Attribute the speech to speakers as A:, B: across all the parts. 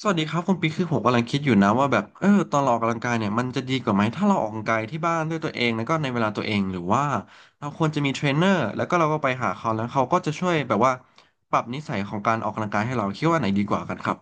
A: สวัสดีครับคุณปิ๊กคือผมกำลังคิดอยู่นะว่าแบบตอนเราออกกำลังกายเนี่ยมันจะดีกว่าไหมถ้าเราออกกำลังกายที่บ้านด้วยตัวเองแล้วก็ในเวลาตัวเองหรือว่าเราควรจะมีเทรนเนอร์แล้วก็เราก็ไปหาเขาแล้วเขาก็จะช่วยแบบว่าปรับนิสัยของการออกกำลังกายให้เราคิดว่าไหนดีกว่ากันครับ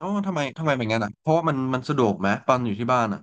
A: อ๋อทำไมเป็นงั้นอ่ะเพราะว่ามันสะดวกไหมตอนอยู่ที่บ้านอ่ะ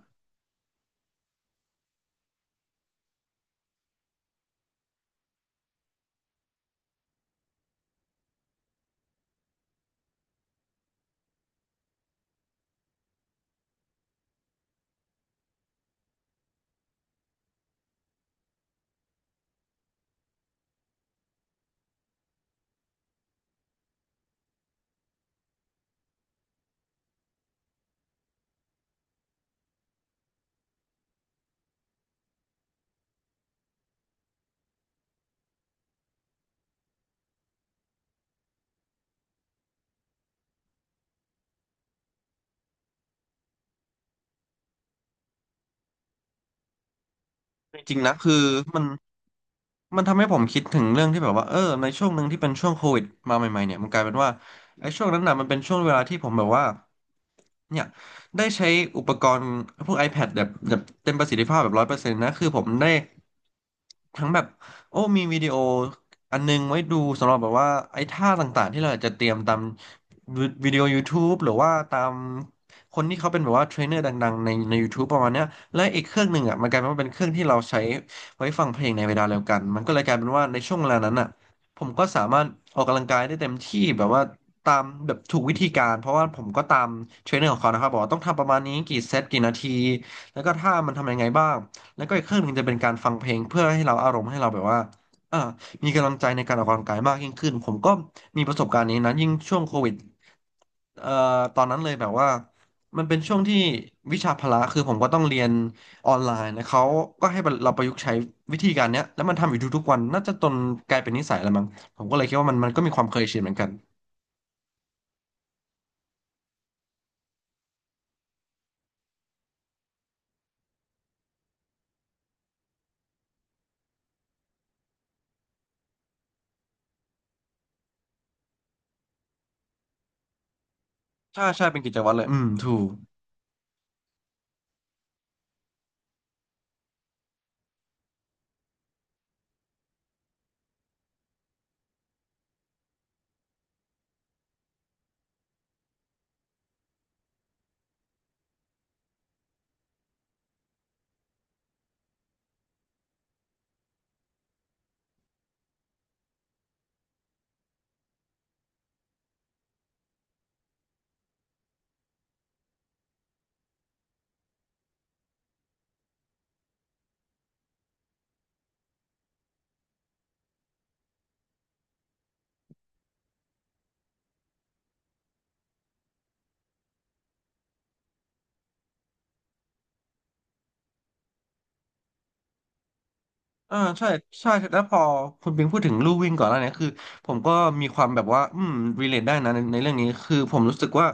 A: จริงๆนะคือมันมันทำให้ผมคิดถึงเรื่องที่แบบว่าในช่วงหนึ่งที่เป็นช่วงโควิดมาใหม่ๆเนี่ยมันกลายเป็นว่าไอ้ช่วงนั้นน่ะมันเป็นช่วงเวลาที่ผมแบบว่า เนี่ยได้ใช้อุปกรณ์พวก iPad แบบเต็มประสิทธิภาพแบบ100%นะคือผมได้ ทั้งแบบโอ้มีวิดีโออันนึงไว้ดูสำหรับแบบว่าไอ้ท่าต่างๆที่เราจจะเตรียมตามวิดีโอ YouTube หรือว่าตามคนที่เขาเป็นแบบว่าเทรนเนอร์ดังๆใน YouTube ประมาณเนี้ยและอีกเครื่องหนึ่งอ่ะมันกลายเป็นว่าเป็นเครื่องที่เราใช้ไว้ฟังเพลงในเวลาเดียวกันมันก็เลยกลายเป็นว่าในช่วงเวลานั้นอ่ะผมก็สามารถออกกำลังกายได้เต็มที่แบบว่าตามแบบถูกวิธีการเพราะว่าผมก็ตามเทรนเนอร์ของเขานะครับบอกว่าต้องทำประมาณนี้กี่เซตกี่นาทีแล้วก็ท่ามันทำยังไงบ้าง แล้วก็อีกเครื่องหนึ่งจะเป็นการฟังเพลงเพื่อให้เราอารมณ์ให้เราแบบว่าเอ่มีกำลังใจในการออกกำลังกายมากยิ่งขึ้นผมก็มีประสบการณ์นี้นะยิ่งช่วงโควิดเอ่อตอนนั้นเลยแบบว่ามันเป็นช่วงที่วิชาพละคือผมก็ต้องเรียนออนไลน์นะเขาก็ให้เราประยุกต์ใช้วิธีการเนี้ยแล้วมันทำอยู่ทุกๆวันน่าจะจนกลายเป็นนิสัยแล้วมั้งผมก็เลยคิดว่ามันก็มีความเคยชินเหมือนกันใช่ใช่เป็นกิจวัตรเลยอืมถูก อ่าใช่ใช่แล้วพอคุณปิงพูดถึงลู่วิ่งก่อนแล้วเนี่ยคือผมก็มีความแบบว่าอืมรีเลทได้นะในเรื่องนี้คือผมรู้สึกว่า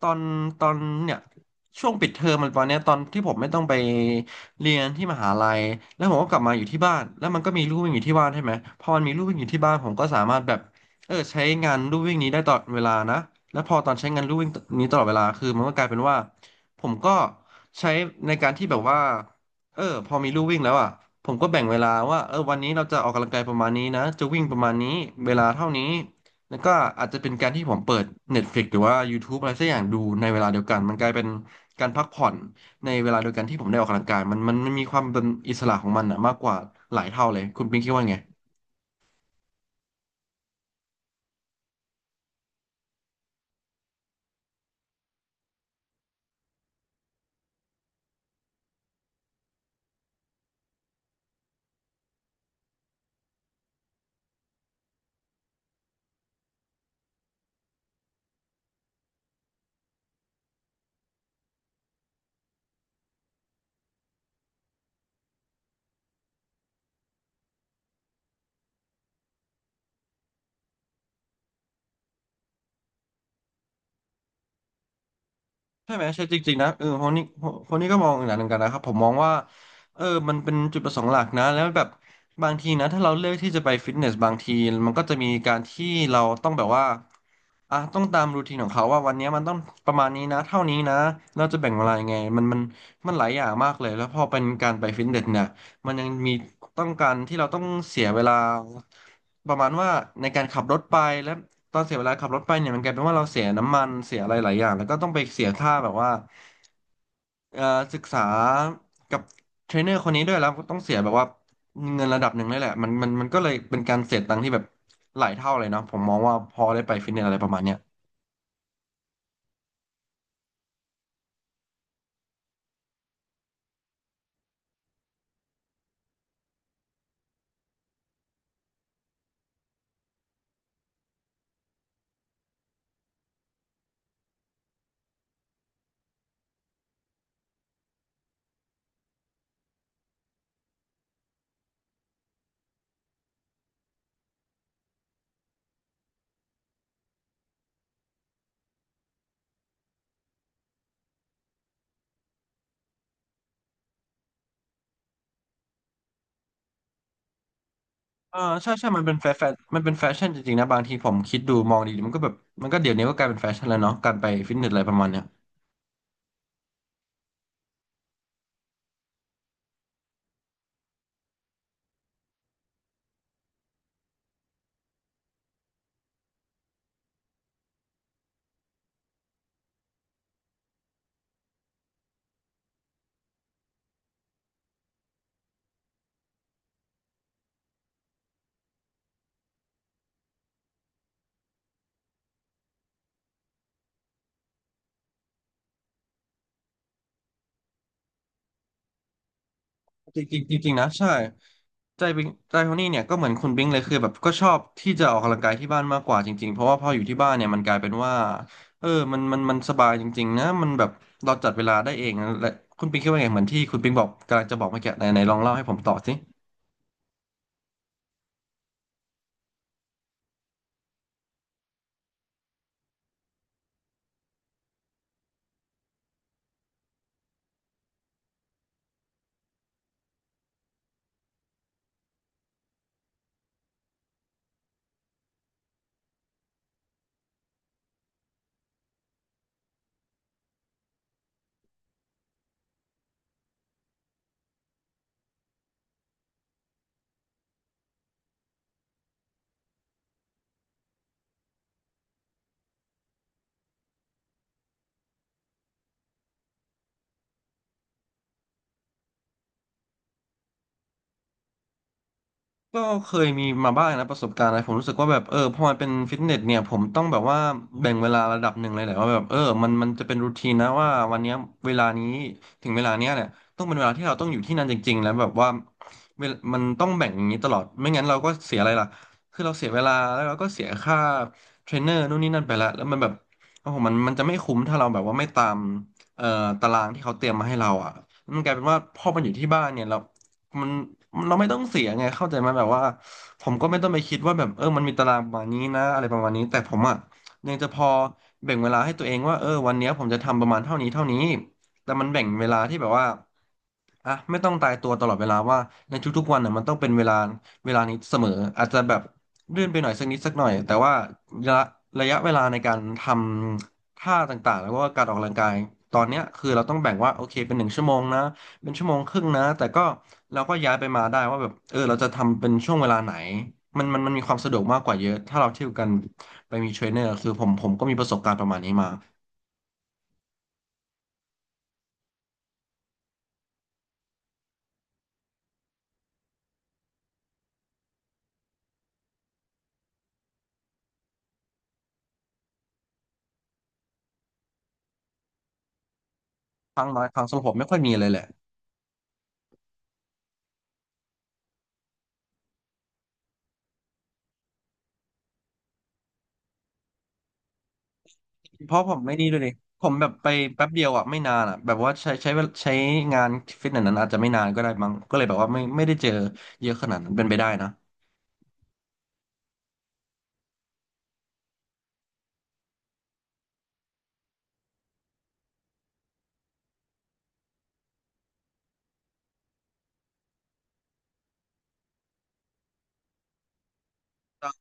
A: ตอนตอนเนี่ยช่วงปิดเทอมมันตอนเนี้ยตอนที่ผมไม่ต้องไปเรียนที่มหาลัยแล้วผมก็กลับมาอยู่ที่บ้านแล้วมันก็มีลู่วิ่งอยู่ที่บ้านใช่ไหมพอมันมีลู่วิ่งอยู่ที่บ้านผมก็สามารถแบบเออใช้งานลู่วิ่งนี้ได้ตลอดเวลานะแล้วพอตอนใช้งานลู่วิ่งนี้ตลอดเวลาคือมันก็กลายเป็นว่าผมก็ใช้ในการที่แบบว่า เออพอมีลู่วิ่งแล้วอ่ะผมก็แบ่งเวลาว่าเออวันนี้เราจะออกกำลังกายประมาณนี้นะจะวิ่งประมาณนี้เวลาเท่านี้แล้วก็อาจจะเป็นการที่ผมเปิด Netflix หรือว่า YouTube อะไรสักอย่างดูในเวลาเดียวกันมันกลายเป็นการพักผ่อนในเวลาเดียวกันที่ผมได้ออกกำลังกายมันมีความเป็นอิสระของมันอ่ะมากกว่าหลายเท่าเลยคุณปิ๊งคิดว่าไง ใช่ไหมใช่จริงๆนะเออคนนี้คนนี้ก็มองอย่างนั้นเหมือนกันนะครับผมมองว่าเออมันเป็นจุดประสงค์หลักนะแล้วแบบบางทีนะถ้าเราเลือกที่จะไปฟิตเนสบางทีมันก็จะมีการที่เราต้องแบบว่าอ่ะต้องตามรูทีนของเขาว่าวันนี้มันต้องประมาณนี้นะเท่านี้นะเราจะแบ่งเวลายังไงมันหลายอย่างมากเลยแล้วพอเป็นการไปฟิตเนสเนี่ยมันยังมีต้องการที่เราต้องเสียเวลาประมาณว่าในการขับรถไปและ ตอนเสียเวลาขับรถไปเนี่ยมันกลายเป็นว่าเราเสียน้ำมันเสียอะไรหลายอย่างแล้วก็ต้องไปเสียค่าแบบว่าเอ่อศึกษากับเทรนเนอร์คนนี้ด้วยแล้วก็ต้องเสียแบบว่าเงินระดับหนึ่งเลยแหละมันก็เลยเป็นการเสียตังค์ที่แบบหลายเท่าเลยเนาะผมมองว่าพอได้ไปฟิตเนสอะไรประมาณเนี้ยเออใช่ใช่มันเป็นแฟชั่นมันเป็นแฟชั่นจริงๆนะบางทีผมคิดดูมองดีๆมันก็แบบมันก็เดี๋ยวนี้ก็กลายเป็นแฟชั่นแล้วเนาะการไปฟิตเนสอะไรประมาณเนี้ย จริงๆจริงๆนะใช่ใจบิงใจโทนี่เนี่ยก็เหมือนคุณบิงเลยคือแบบก็ชอบที่จะออกกำลังกายที่บ้านมากกว่าจริงๆเพราะว่าพออยู่ที่บ้านเนี่ยมันกลายเป็นว่าเออมันสบายจริงๆนะมันแบบเราจัดเวลาได้เองนะและคุณบิงคิดว่าไงเหมือนที่คุณบิงบอกกำลังจะบอกเมื่อกี้ไหนไหนลองเล่าให้ผมต่อสิ ก็เคยมีมาบ้างนะประสบการณ์อะไรผมรู้สึกว่าแบบเออพอมันเป็นฟิตเนสเนี่ยผมต้องแบบว่าแบ่งเวลาระดับหนึ่งเลยแหละว่าแบบเออมันจะเป็นรูทีนนะว่าวันเนี้ยเวลานี้ถึงเวลาเนี่ยต้องเป็นเวลาที่เราต้องอยู่ที่นั่นจริงๆแล้วแบบว่าเวลมันต้องแบ่งอย่างนี้ตลอดไม่งั้นเราก็เสียอะไรล่ะคือเราเสียเวลาแล้วเราก็เสียค่าเทรนเนอร์นู่นนี่นั่นไปละแล้วมันแบบโอ้โหมันจะไม่คุ้มถ้าเราแบบว่าไม่ตามเอ่อตารางที่เขาเตรียมมาให้เราอ่ะมันกลายเป็นว่าพอมันอยู่ที่บ้านเนี่ยเรา มันมันเราไม่ต้องเสียไงเข้าใจไหมแบบว่าผมก็ไม่ต้องไปคิดว่าแบบเออมันมีตารางประมาณนี้นะอะไรประมาณนี้แต่ผมอ่ะยังจะพอแบ่งเวลาให้ตัวเองว่าเออวันเนี้ยผมจะทำประมาณเท่านี้เท่านี้แต่มันแบ่งเวลาที่แบบว่าอ่ะไม่ต้องตายตัวตลอดเวลาว่าในทุกๆวันน่ะมันต้องเป็นเวลาเวลานี้เสมออาจจะแบบเลื่อนไปหน่อยสักนิดสักหน่อยแต่ว่าระยะระยะเวลาในการทำท่าต่างๆแล้วก็การออกกำลังกายตอนเนี้ยคือเราต้องแบ่งว่าโอเคเป็น1 ชั่วโมงนะ เป็นชั่วโมงครึ่งนะแต่ก็เราก็ย้ายไปมาได้ว่าแบบเออเราจะทำเป็นช่วงเวลาไหนมันมีความสะดวกมากกว่าเยอะถ้าเราเที่ยวกันไปมีเทรนเนอร์คือผมก็มีประสบการณ์ประมาณนี้มาครั้งน้อยครั้งสำหรับผมไม่ค่อยมีเลยแหละเพราะผมไม่นี่ด้วยดิผมแบบไปแป๊บเดียวอ่ะไม่นานอ่ะแบบว่าใช้เวลาใช้งานฟิตเนสนั้นอาจจะไม่นานก็ได้มั้งก็เลยแบบว่าไม่ได้เจอเยอะขนาดนั้นเป็นไปได้นะ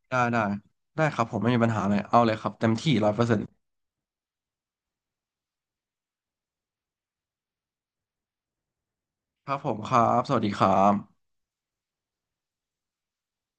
A: ได้ได้ได้ครับผมไม่มีปัญหาเลยเอาเลยครับเต็มที่100%ครับผมครับสวัสดีครับ